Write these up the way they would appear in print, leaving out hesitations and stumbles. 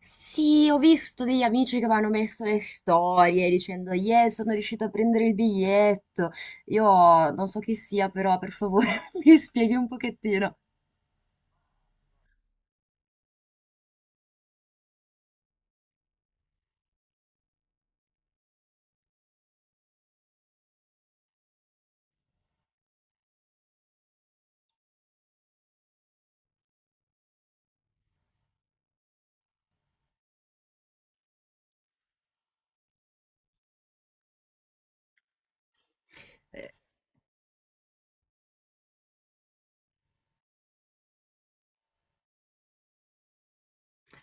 Sì, ho visto degli amici che mi hanno messo le storie dicendo, yeah, sono riuscito a prendere il biglietto. Io non so chi sia, però per favore mi spieghi un pochettino.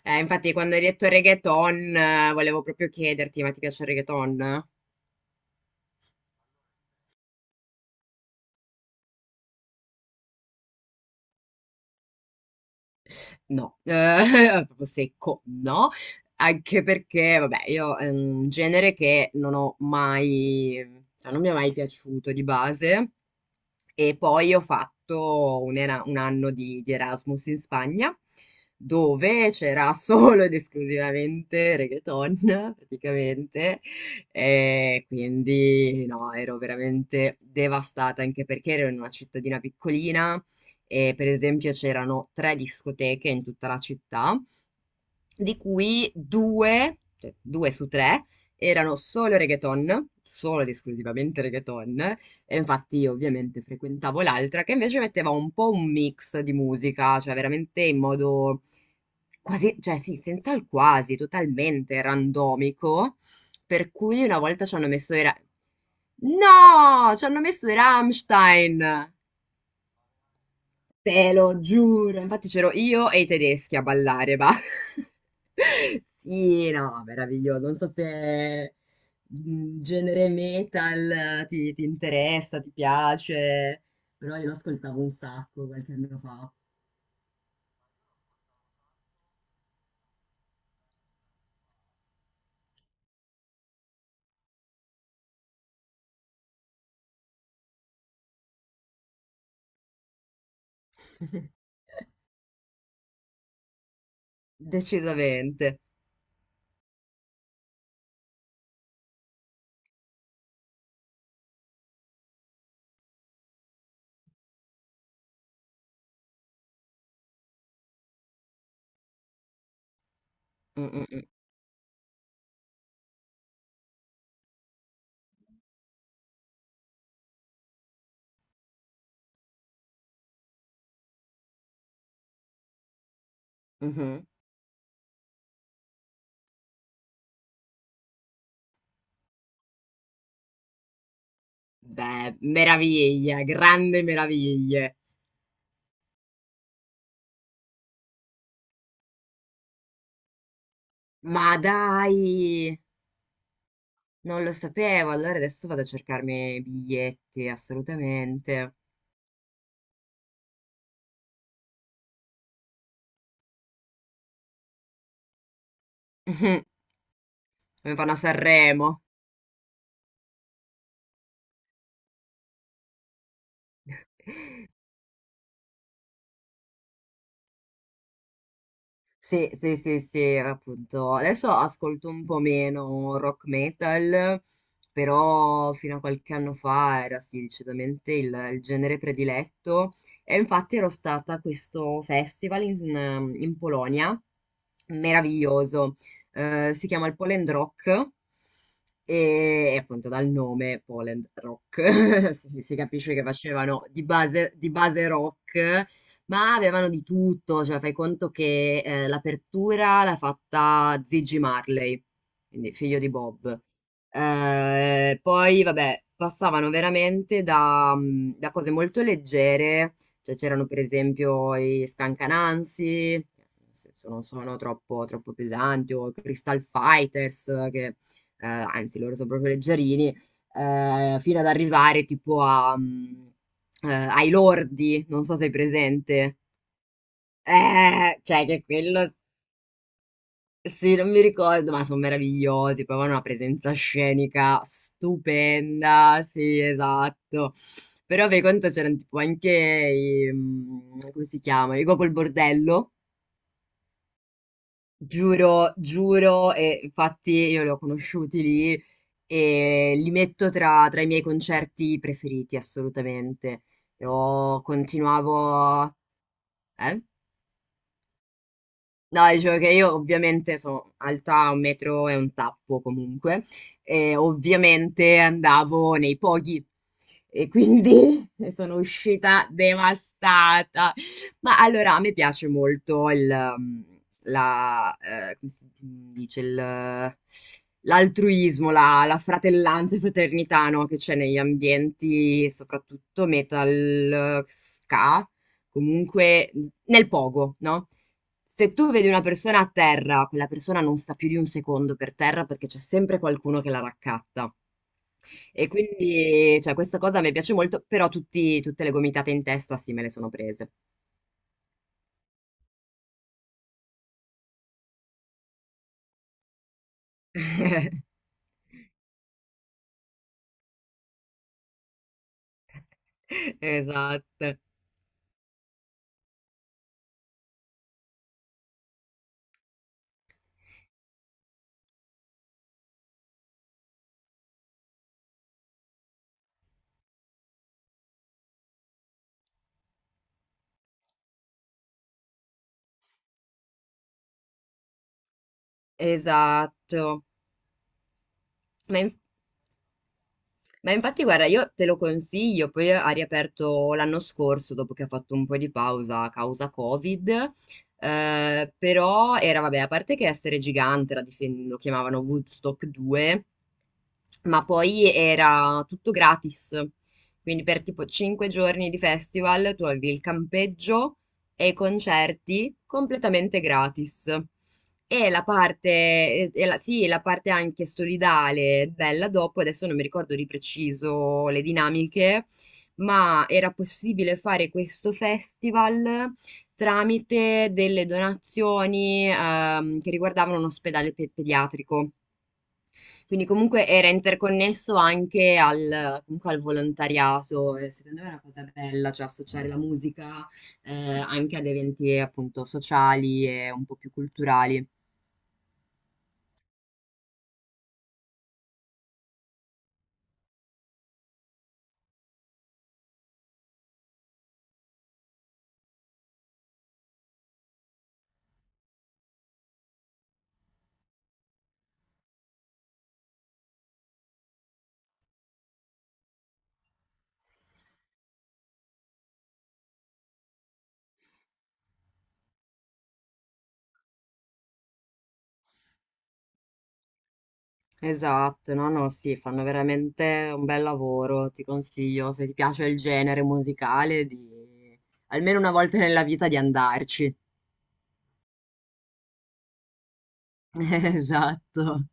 Infatti, quando hai detto reggaeton, volevo proprio chiederti, ma ti piace il reggaeton? No, proprio secco, no. Anche perché, vabbè, io è un genere che non ho mai, cioè non mi è mai piaciuto di base. E poi ho fatto un anno di Erasmus in Spagna, dove c'era solo ed esclusivamente reggaeton, praticamente. E quindi no, ero veramente devastata, anche perché ero in una cittadina piccolina e per esempio c'erano tre discoteche in tutta la città di cui due, cioè due su tre, erano solo reggaeton, solo ed esclusivamente reggaeton, e infatti io ovviamente frequentavo l'altra che invece metteva un po' un mix di musica, cioè veramente in modo quasi, cioè sì, senza il quasi, totalmente randomico, per cui una volta ci hanno messo i... Ra- No, ci hanno messo i Rammstein. Te lo giuro, infatti c'ero io e i tedeschi a ballare, ma... Sì, no, meraviglioso. Non so se mm, genere metal eh, ti interessa, ti piace, però io lo ascoltavo un sacco qualche anno fa. Decisamente. Mm, mm, mm. Mhm. Beh, meraviglia, grande meraviglie. Ma dai, non lo sapevo, allora adesso vado a cercarmi i biglietti, assolutamente. Come fanno a Sanremo. Sì, sì, sì, sì, appunto. Adesso ascolto un po' meno rock metal, però fino a qualche anno fa era sì, decisamente il genere prediletto. E infatti ero stata a questo festival in Polonia, meraviglioso. Si chiama il Poland Rock e appunto dal nome Poland Rock si capisce che facevano di base rock. Ma avevano di tutto, cioè fai conto che, l'apertura l'ha fatta Ziggy Marley, quindi figlio di Bob. Poi vabbè, passavano veramente da, da cose molto leggere, cioè c'erano per esempio i Scancanansi, che nel senso non sono troppo, troppo pesanti, o i Crystal Fighters che, anzi loro sono proprio leggerini, fino ad arrivare tipo a, ai lordi, non so se hai presente. Cioè che quello, sì, non mi ricordo, ma sono meravigliosi, poi avevano una presenza scenica stupenda, sì, esatto. Però per conto c'erano tipo anche i, come si chiama? I Gogol Bordello. Giuro, giuro, e infatti io li ho conosciuti lì e li metto tra i miei concerti preferiti, assolutamente. Io continuavo... Eh? No, dicevo che io ovviamente sono alta un metro e un tappo comunque, e ovviamente andavo nei pochi e quindi ne sono uscita devastata. Ma allora a me piace molto il, um, la, come si dice, il, l'altruismo, la fratellanza e fraternità, no, che c'è negli ambienti, soprattutto metal, ska, comunque nel pogo, no? Se tu vedi una persona a terra, quella persona non sta più di un secondo per terra perché c'è sempre qualcuno che la raccatta. E quindi, cioè, questa cosa mi piace molto, però tutte le gomitate in testa sì me le sono prese. Esatto, esatto. Ma, in- ma infatti, guarda, io te lo consiglio, poi ha riaperto l'anno scorso, dopo che ha fatto un po' di pausa a causa Covid. Eh, però era, vabbè, a parte che essere gigante, lo chiamavano Woodstock 2, ma poi era tutto gratis. Quindi per tipo cinque giorni di festival tu avevi il campeggio e i concerti completamente gratis. E la parte, sì, la parte anche solidale, bella dopo, adesso non mi ricordo di preciso le dinamiche, ma era possibile fare questo festival tramite delle donazioni, che riguardavano un ospedale pediatrico. Quindi comunque era interconnesso anche al, comunque al volontariato e secondo me è una cosa bella, cioè associare la musica anche ad eventi appunto sociali e un po' più culturali. Esatto, no, no, sì, fanno veramente un bel lavoro, ti consiglio, se ti piace il genere musicale, di almeno una volta nella vita di andarci. Esatto.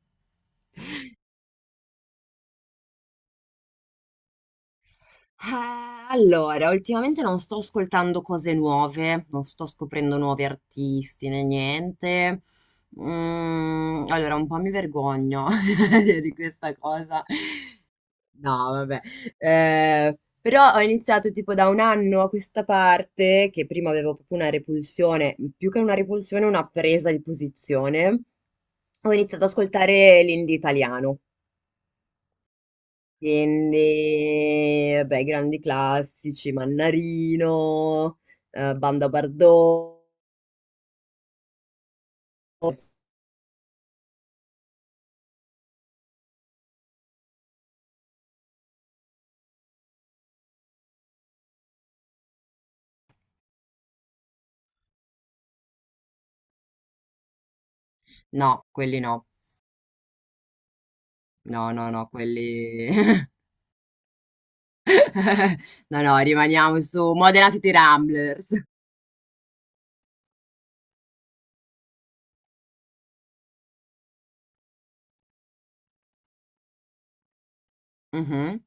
Allora, ultimamente non sto ascoltando cose nuove, non sto scoprendo nuovi artisti né niente. Mm, allora, un po' mi vergogno di questa cosa. No, vabbè. Però ho iniziato tipo da un anno a questa parte, che prima avevo proprio una repulsione, più che una repulsione, una presa di posizione. Ho iniziato ad ascoltare l'indie italiano. Quindi, vabbè, grandi classici, Mannarino, Banda Bardot. No, quelli no. No, no, no, quelli... No, no, rimaniamo su Modena City Ramblers. Mhm.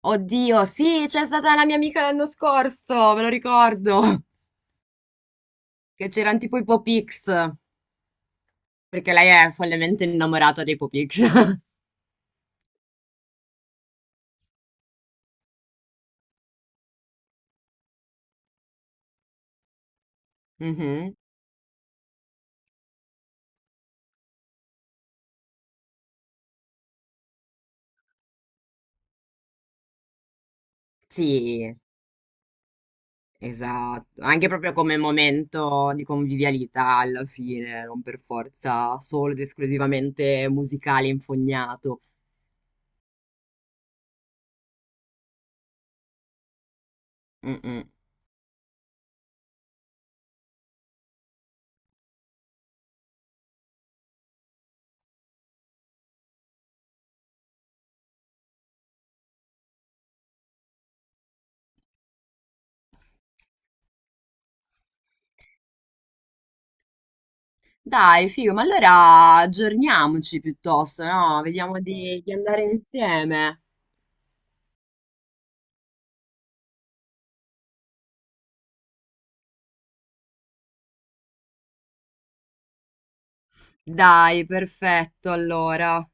Oddio, sì, c'è stata la mia amica l'anno scorso, me lo ricordo, che c'erano tipo i Popix, perché lei è follemente innamorata dei Popix. Mhm. Sì. Esatto, anche proprio come momento di convivialità alla fine, non per forza solo ed esclusivamente musicale infognato. Mm-mm. Dai, figo, ma allora aggiorniamoci piuttosto, no? Vediamo di andare insieme. Dai, perfetto, allora.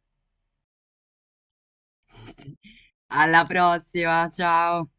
Alla prossima, ciao.